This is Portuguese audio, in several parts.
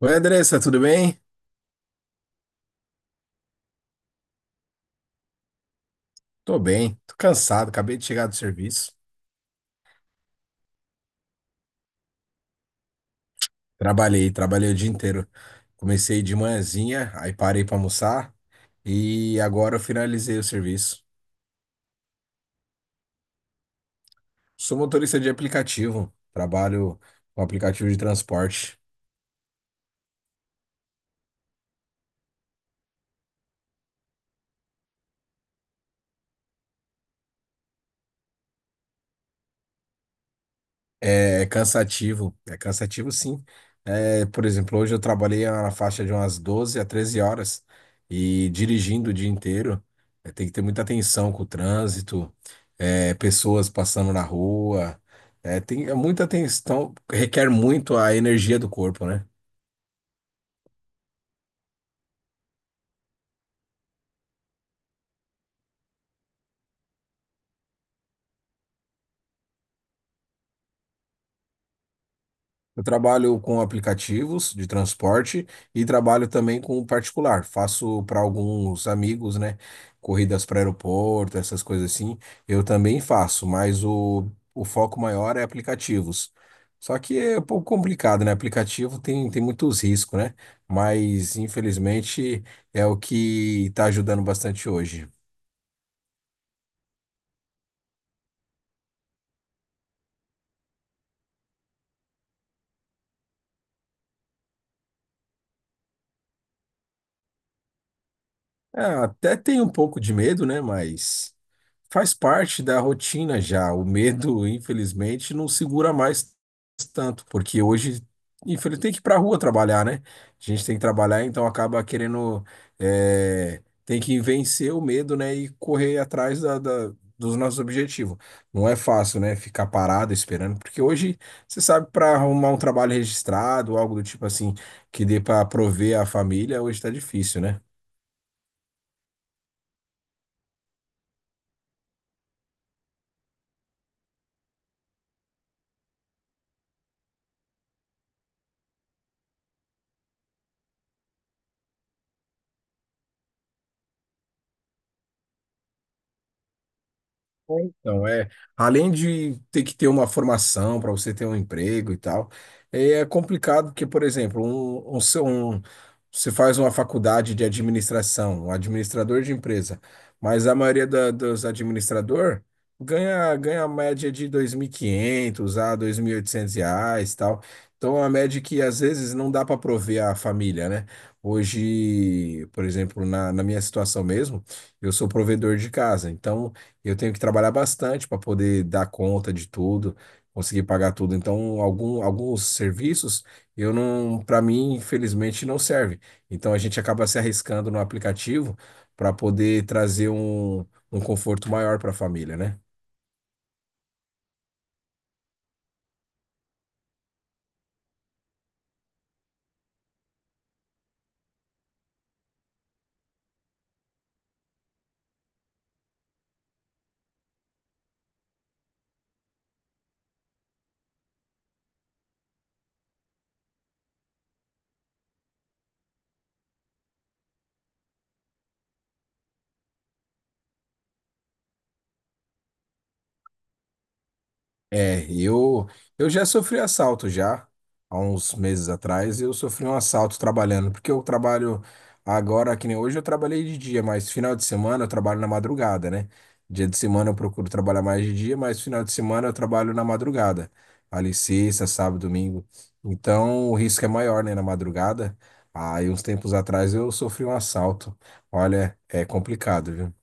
Oi, Andressa, tudo bem? Tô bem, tô cansado, acabei de chegar do serviço. Trabalhei o dia inteiro. Comecei de manhãzinha, aí parei pra almoçar e agora eu finalizei o serviço. Sou motorista de aplicativo, trabalho com aplicativo de transporte. É cansativo, é cansativo sim. É, por exemplo, hoje eu trabalhei na faixa de umas 12 a 13 horas e dirigindo o dia inteiro, tem que ter muita atenção com o trânsito, pessoas passando na rua, tem muita atenção, requer muito a energia do corpo, né? Eu trabalho com aplicativos de transporte e trabalho também com particular. Faço para alguns amigos, né? Corridas para aeroporto, essas coisas assim. Eu também faço, o foco maior é aplicativos. Só que é um pouco complicado, né? Aplicativo tem muitos riscos, né? Mas infelizmente é o que está ajudando bastante hoje. É, até tem um pouco de medo, né? Mas. Faz parte da rotina já. O medo, infelizmente, não segura mais tanto, porque hoje, infelizmente, tem que ir pra rua trabalhar, né? A gente tem que trabalhar, então acaba querendo, tem que vencer o medo, né? E correr atrás dos nossos objetivos. Não é fácil, né? Ficar parado esperando, porque hoje, você sabe, para arrumar um trabalho registrado, algo do tipo assim, que dê para prover a família, hoje tá difícil, né? Então, além de ter que ter uma formação para você ter um emprego e tal, é complicado porque, por exemplo, você faz uma faculdade de administração, um administrador de empresa, mas a maioria dos administrador ganha a média de R$ 2.500 a R$ 2.800 e tal. Então, é uma média que às vezes não dá para prover a família, né? Hoje, por exemplo, na minha situação mesmo, eu sou provedor de casa, então. Eu tenho que trabalhar bastante para poder dar conta de tudo, conseguir pagar tudo. Então, alguns serviços eu não, para mim, infelizmente, não serve. Então, a gente acaba se arriscando no aplicativo para poder trazer um conforto maior para a família, né? É, eu, eu já sofri assalto já, há uns meses atrás, eu sofri um assalto trabalhando, porque eu trabalho agora, que nem hoje eu trabalhei de dia, mas final de semana eu trabalho na madrugada, né? Dia de semana eu procuro trabalhar mais de dia, mas final de semana eu trabalho na madrugada, ali sexta, sábado, domingo. Então o risco é maior, né, na madrugada. Aí uns tempos atrás eu sofri um assalto. Olha, é complicado, viu?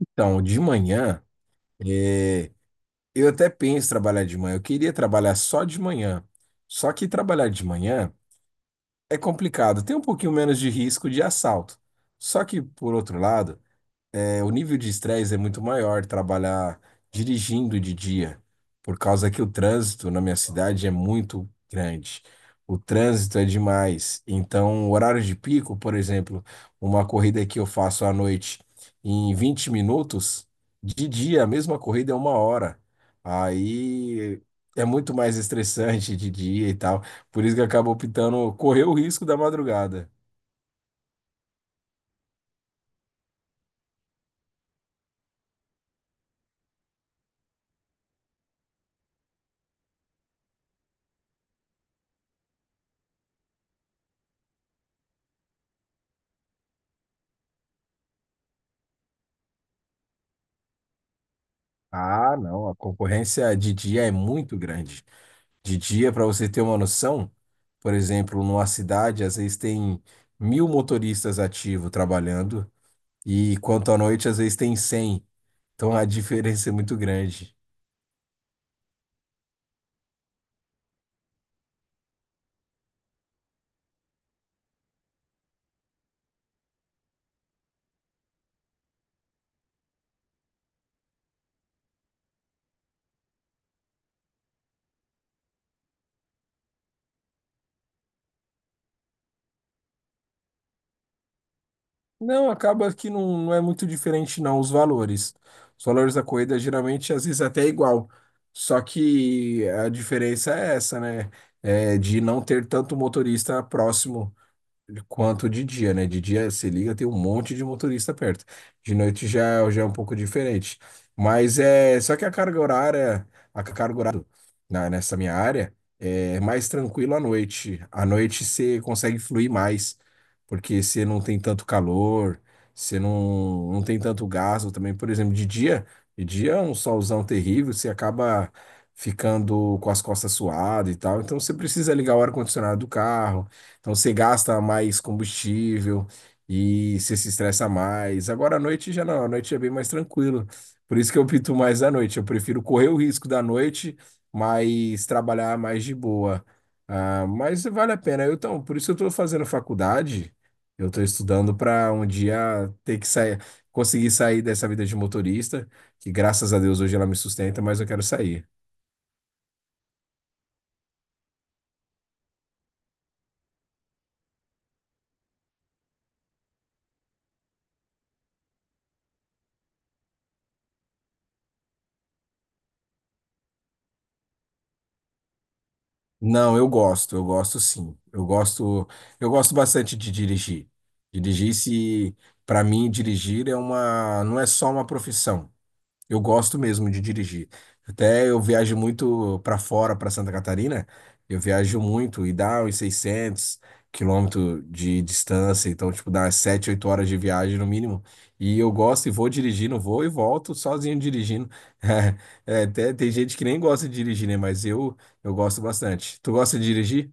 Então, de manhã. eh, Eu até penso em trabalhar de manhã. Eu queria trabalhar só de manhã. Só que trabalhar de manhã é complicado. Tem um pouquinho menos de risco de assalto. Só que, por outro lado, o nível de estresse é muito maior trabalhar dirigindo de dia, por causa que o trânsito na minha cidade é muito grande. O trânsito é demais. Então, o horário de pico, por exemplo, uma corrida que eu faço à noite em 20 minutos, de dia a mesma corrida é uma hora. Aí é muito mais estressante de dia e tal. Por isso que eu acabo optando correr o risco da madrugada. Ah, não, a concorrência de dia é muito grande. De dia, para você ter uma noção, por exemplo, numa cidade, às vezes tem 1.000 motoristas ativos trabalhando, e quanto à noite, às vezes tem 100. Então a diferença é muito grande. Não, acaba que não, não é muito diferente, não, os valores. Os valores da corrida geralmente, às vezes, até é igual. Só que a diferença é essa, né? É de não ter tanto motorista próximo quanto de dia, né? De dia se liga, tem um monte de motorista perto. De noite já, já é um pouco diferente. Mas é só que a carga horária nessa minha área é mais tranquilo à noite. À noite você consegue fluir mais, porque você não tem tanto calor, você não tem tanto gasto também. Por exemplo, de dia é um solzão terrível, você acaba ficando com as costas suadas e tal. Então você precisa ligar o ar-condicionado do carro, então você gasta mais combustível e você se estressa mais. Agora à noite já não, à noite é bem mais tranquilo. Por isso que eu pinto mais à noite. Eu prefiro correr o risco da noite, mas trabalhar mais de boa. Ah, mas vale a pena. Eu, então, por isso eu estou fazendo faculdade. Eu estou estudando para um dia ter que sair, conseguir sair dessa vida de motorista, que graças a Deus hoje ela me sustenta, mas eu quero sair. Não, eu gosto sim. Eu gosto bastante de dirigir. Dirigir se, para mim, dirigir não é só uma profissão. Eu gosto mesmo de dirigir. Até eu viajo muito para fora, para Santa Catarina. Eu viajo muito e dá uns 600 quilômetros de distância. Então, tipo, dá umas 7, 8 horas de viagem no mínimo. E eu gosto e vou dirigindo, vou e volto sozinho dirigindo. É, até tem gente que nem gosta de dirigir, né? Eu gosto bastante. Tu gosta de dirigir?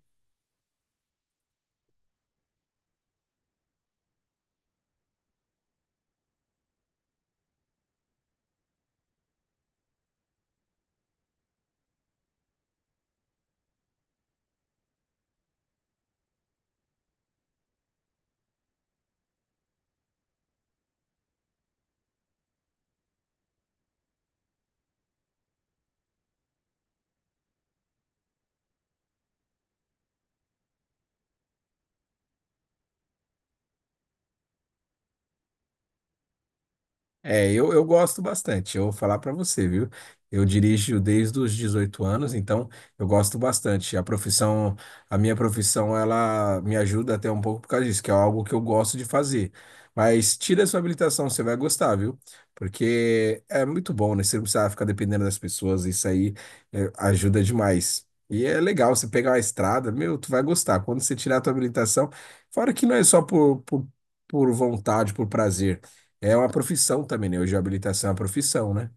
Eu gosto bastante. Eu vou falar para você, viu? Eu dirijo desde os 18 anos, então eu gosto bastante. A minha profissão, ela me ajuda até um pouco por causa disso, que é algo que eu gosto de fazer. Mas tira a sua habilitação, você vai gostar, viu? Porque é muito bom, né? Você não precisa ficar dependendo das pessoas, isso aí ajuda demais. E é legal você pegar uma estrada, meu, tu vai gostar. Quando você tirar a tua habilitação, fora que não é só por vontade, por prazer. É uma profissão também, né? Hoje a habilitação é uma profissão, né?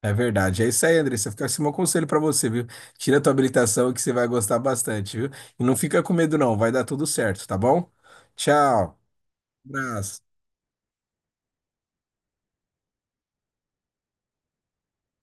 É verdade. É isso aí, Andressa. Fica assim, meu conselho pra você, viu? Tira a tua habilitação que você vai gostar bastante, viu? E não fica com medo, não. Vai dar tudo certo, tá bom? Tchau. Abraço.